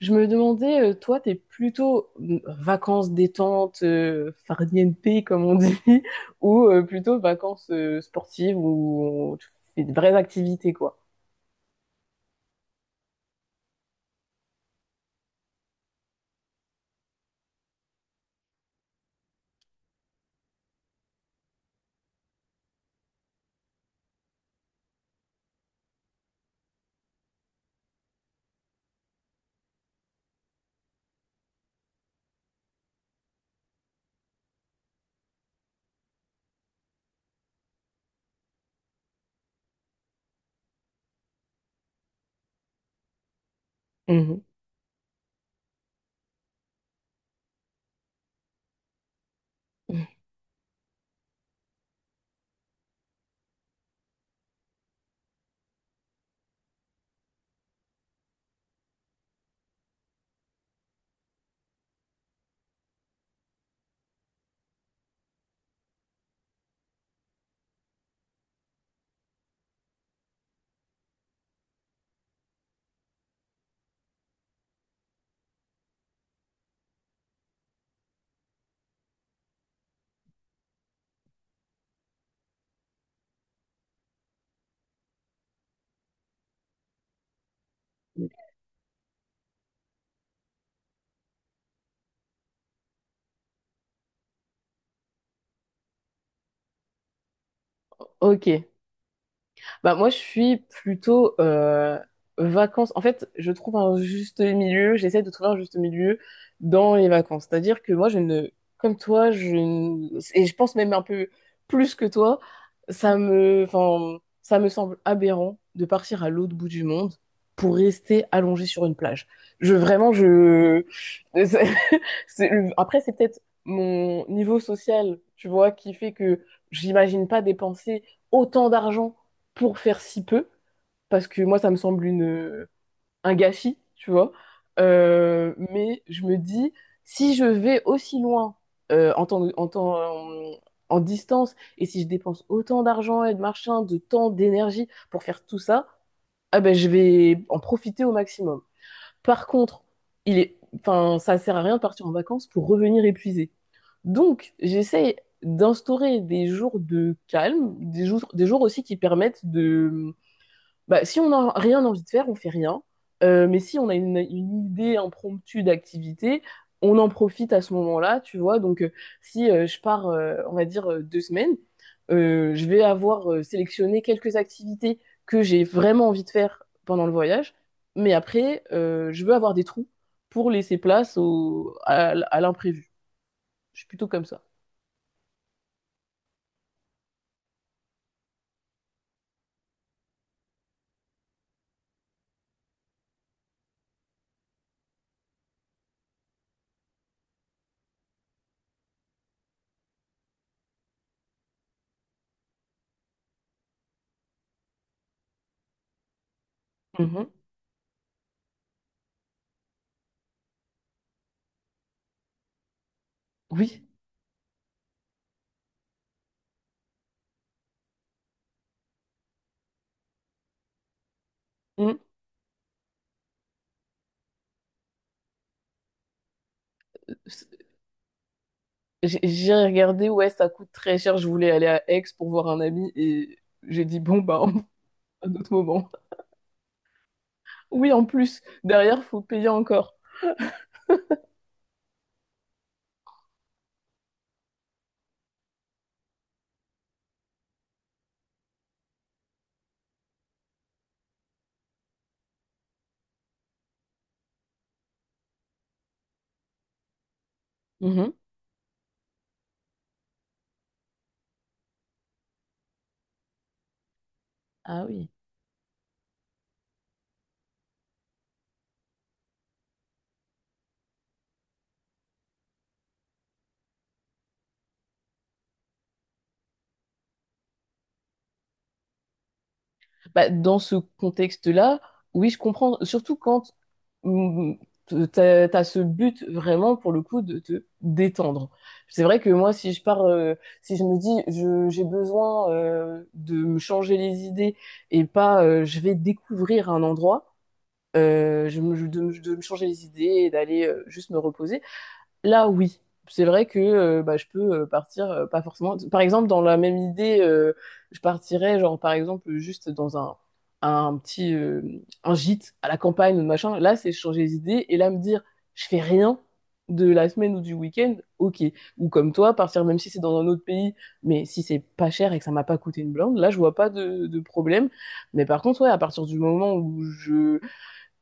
Je me demandais, toi, t'es plutôt vacances détente, farniente, comme on dit, ou plutôt vacances sportives tu fais de vraies activités, quoi. Mhm. Ok. Bah, moi, je suis plutôt vacances. En fait, je trouve un juste milieu, j'essaie de trouver un juste milieu dans les vacances. C'est-à-dire que moi, je ne, comme toi, je ne- et je pense même un peu plus que toi, enfin, ça me semble aberrant de partir à l'autre bout du monde pour rester allongé sur une plage. Je, vraiment, je, c'est- c'est- après, c'est peut-être mon niveau social, tu vois, qui fait que j'imagine pas dépenser autant d'argent pour faire si peu, parce que moi, ça me semble un gâchis, tu vois. Mais je me dis, si je vais aussi loin euh, en temps, en temps, en, en distance, et si je dépense autant d'argent et de machin, de temps, d'énergie pour faire tout ça, ah ben, je vais en profiter au maximum. Par contre, enfin, ça sert à rien de partir en vacances pour revenir épuisé. Donc, j'essaie d'instaurer des jours de calme, des jours aussi qui permettent de bah, si on n'a rien envie de faire, on fait rien. Mais si on a une idée impromptue d'activité, on en profite à ce moment-là, tu vois. Donc, si je pars, on va dire, deux semaines, je vais avoir sélectionné quelques activités que j'ai vraiment envie de faire pendant le voyage. Mais après, je veux avoir des trous pour laisser place à l'imprévu. Je suis plutôt comme ça. Mhm. Oui. Mhm. J'ai regardé, ouais, ça coûte très cher. Je voulais aller à Aix pour voir un ami et j'ai dit, bon, bah, un autre moment. Oui, en plus, derrière, faut payer encore. Mhm. Ah oui. Bah, dans ce contexte-là, oui, je comprends. Surtout quand mm, t'as ce but vraiment, pour le coup, de te détendre. C'est vrai que moi, si je pars, si je me dis, j'ai besoin de me changer les idées et pas, je vais découvrir un endroit. De me changer les idées et d'aller juste me reposer. Là, oui, c'est vrai que bah, je peux partir, pas forcément. Par exemple, dans la même idée, je partirais, genre, par exemple, un petit un gîte à la campagne ou machin. Là, c'est changer les idées et là, me dire, je fais rien de la semaine ou du week-end, ok. Ou comme toi, partir même si c'est dans un autre pays, mais si c'est pas cher et que ça m'a pas coûté une blinde, là, je vois pas de problème. Mais par contre, ouais, à partir du moment où je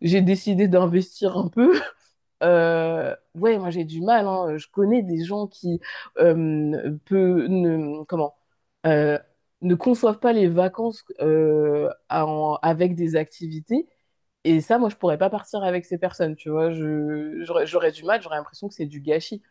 j'ai décidé d'investir un peu. Ouais, moi j'ai du mal, hein. Je connais des gens qui euh, peu- ne, comment, euh, ne conçoivent pas les vacances avec des activités. Et ça, moi, je pourrais pas partir avec ces personnes. Tu vois, j'aurais du mal. J'aurais l'impression que c'est du gâchis.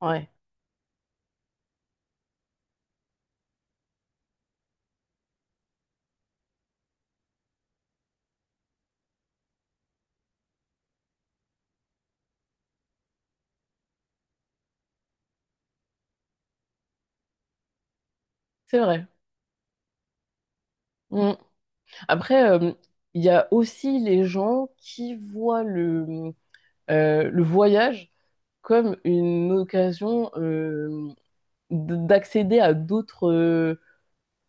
Ouais, c'est vrai. Mm. Après, il y a aussi les gens qui voient le voyage comme une occasion, d'accéder à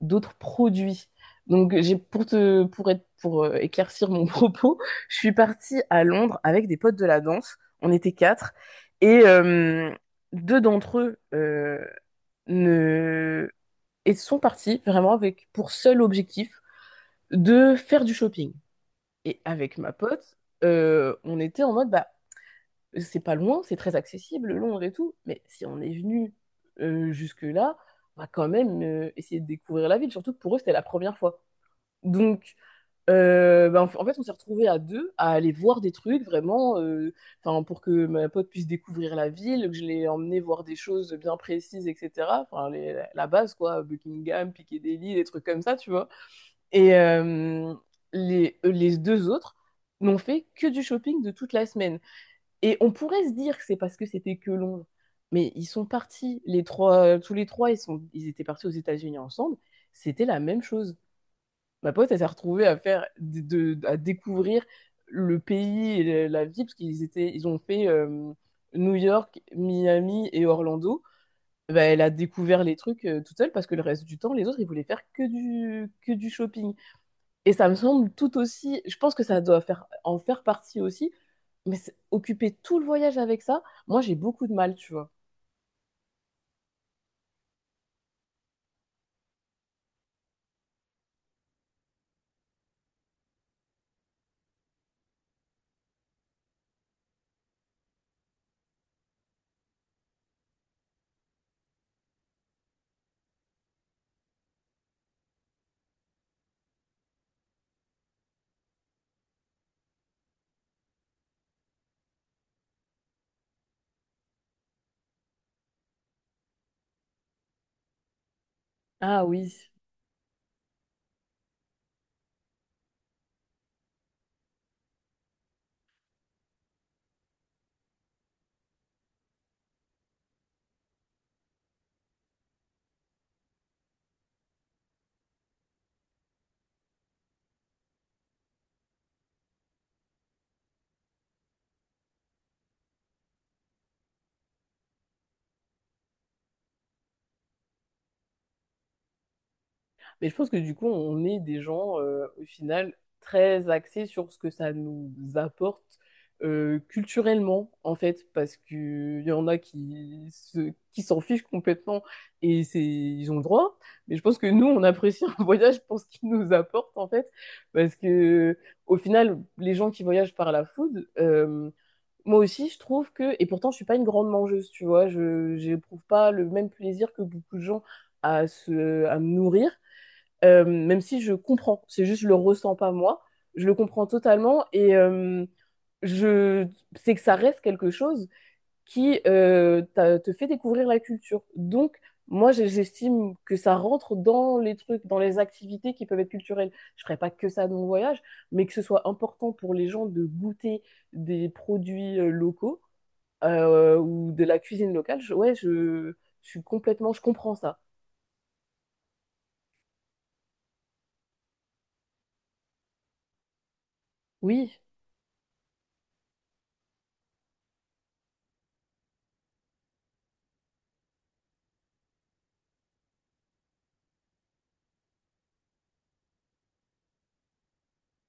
d'autres produits. Donc j'ai pour te pour être pour éclaircir mon propos, je suis partie à Londres avec des potes de la danse. On était quatre et deux d'entre eux ne et sont partis vraiment avec pour seul objectif de faire du shopping. Et avec ma pote, on était en mode bah c'est pas loin, c'est très accessible, Londres et tout, mais si on est venu jusque-là, on va quand même essayer de découvrir la ville, surtout que pour eux, c'était la première fois. Donc, en fait, on s'est retrouvés à deux à aller voir des trucs vraiment, 'fin, pour que ma pote puisse découvrir la ville, que je l'ai emmenée voir des choses bien précises, etc. Enfin, la base, quoi, Buckingham, Piccadilly, des trucs comme ça, tu vois. Et les deux autres n'ont fait que du shopping de toute la semaine. Et on pourrait se dire que c'est parce que c'était que long, mais ils sont partis, tous les trois, ils étaient partis aux États-Unis ensemble, c'était la même chose. Ma pote, elle s'est retrouvée à, faire, de- à découvrir le pays et la vie, parce qu'ils ont fait New York, Miami et Orlando. Bah, elle a découvert les trucs toute seule parce que le reste du temps, les autres, ils voulaient faire que du shopping. Et ça me semble tout aussi, je pense que ça doit faire, en faire partie aussi, mais occuper tout le voyage avec ça, moi j'ai beaucoup de mal, tu vois. Ah oui. Mais je pense que du coup, on est des gens, au final, très axés sur ce que ça nous apporte culturellement, en fait, parce qu'il y en a qui qui s'en fichent complètement et c'est, ils ont le droit. Mais je pense que nous, on apprécie un voyage pour ce qu'il nous apporte, en fait, parce que au final, les gens qui voyagent par la food, moi aussi, je trouve que, et pourtant, je suis pas une grande mangeuse, tu vois, je j'éprouve pas le même plaisir que beaucoup de gens à me nourrir, même si je comprends, c'est juste je le ressens pas moi, je le comprends totalement et je sais que ça reste quelque chose qui te fait découvrir la culture. Donc, moi, j'estime que ça rentre dans les trucs, dans les activités qui peuvent être culturelles. Je ferai pas que ça de mon voyage, mais que ce soit important pour les gens de goûter des produits locaux ou de la cuisine locale, ouais, je suis complètement, je comprends ça. Oui,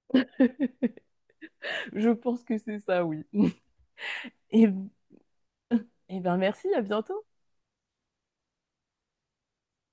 je pense que c'est ça, oui. Et, et ben merci, à bientôt.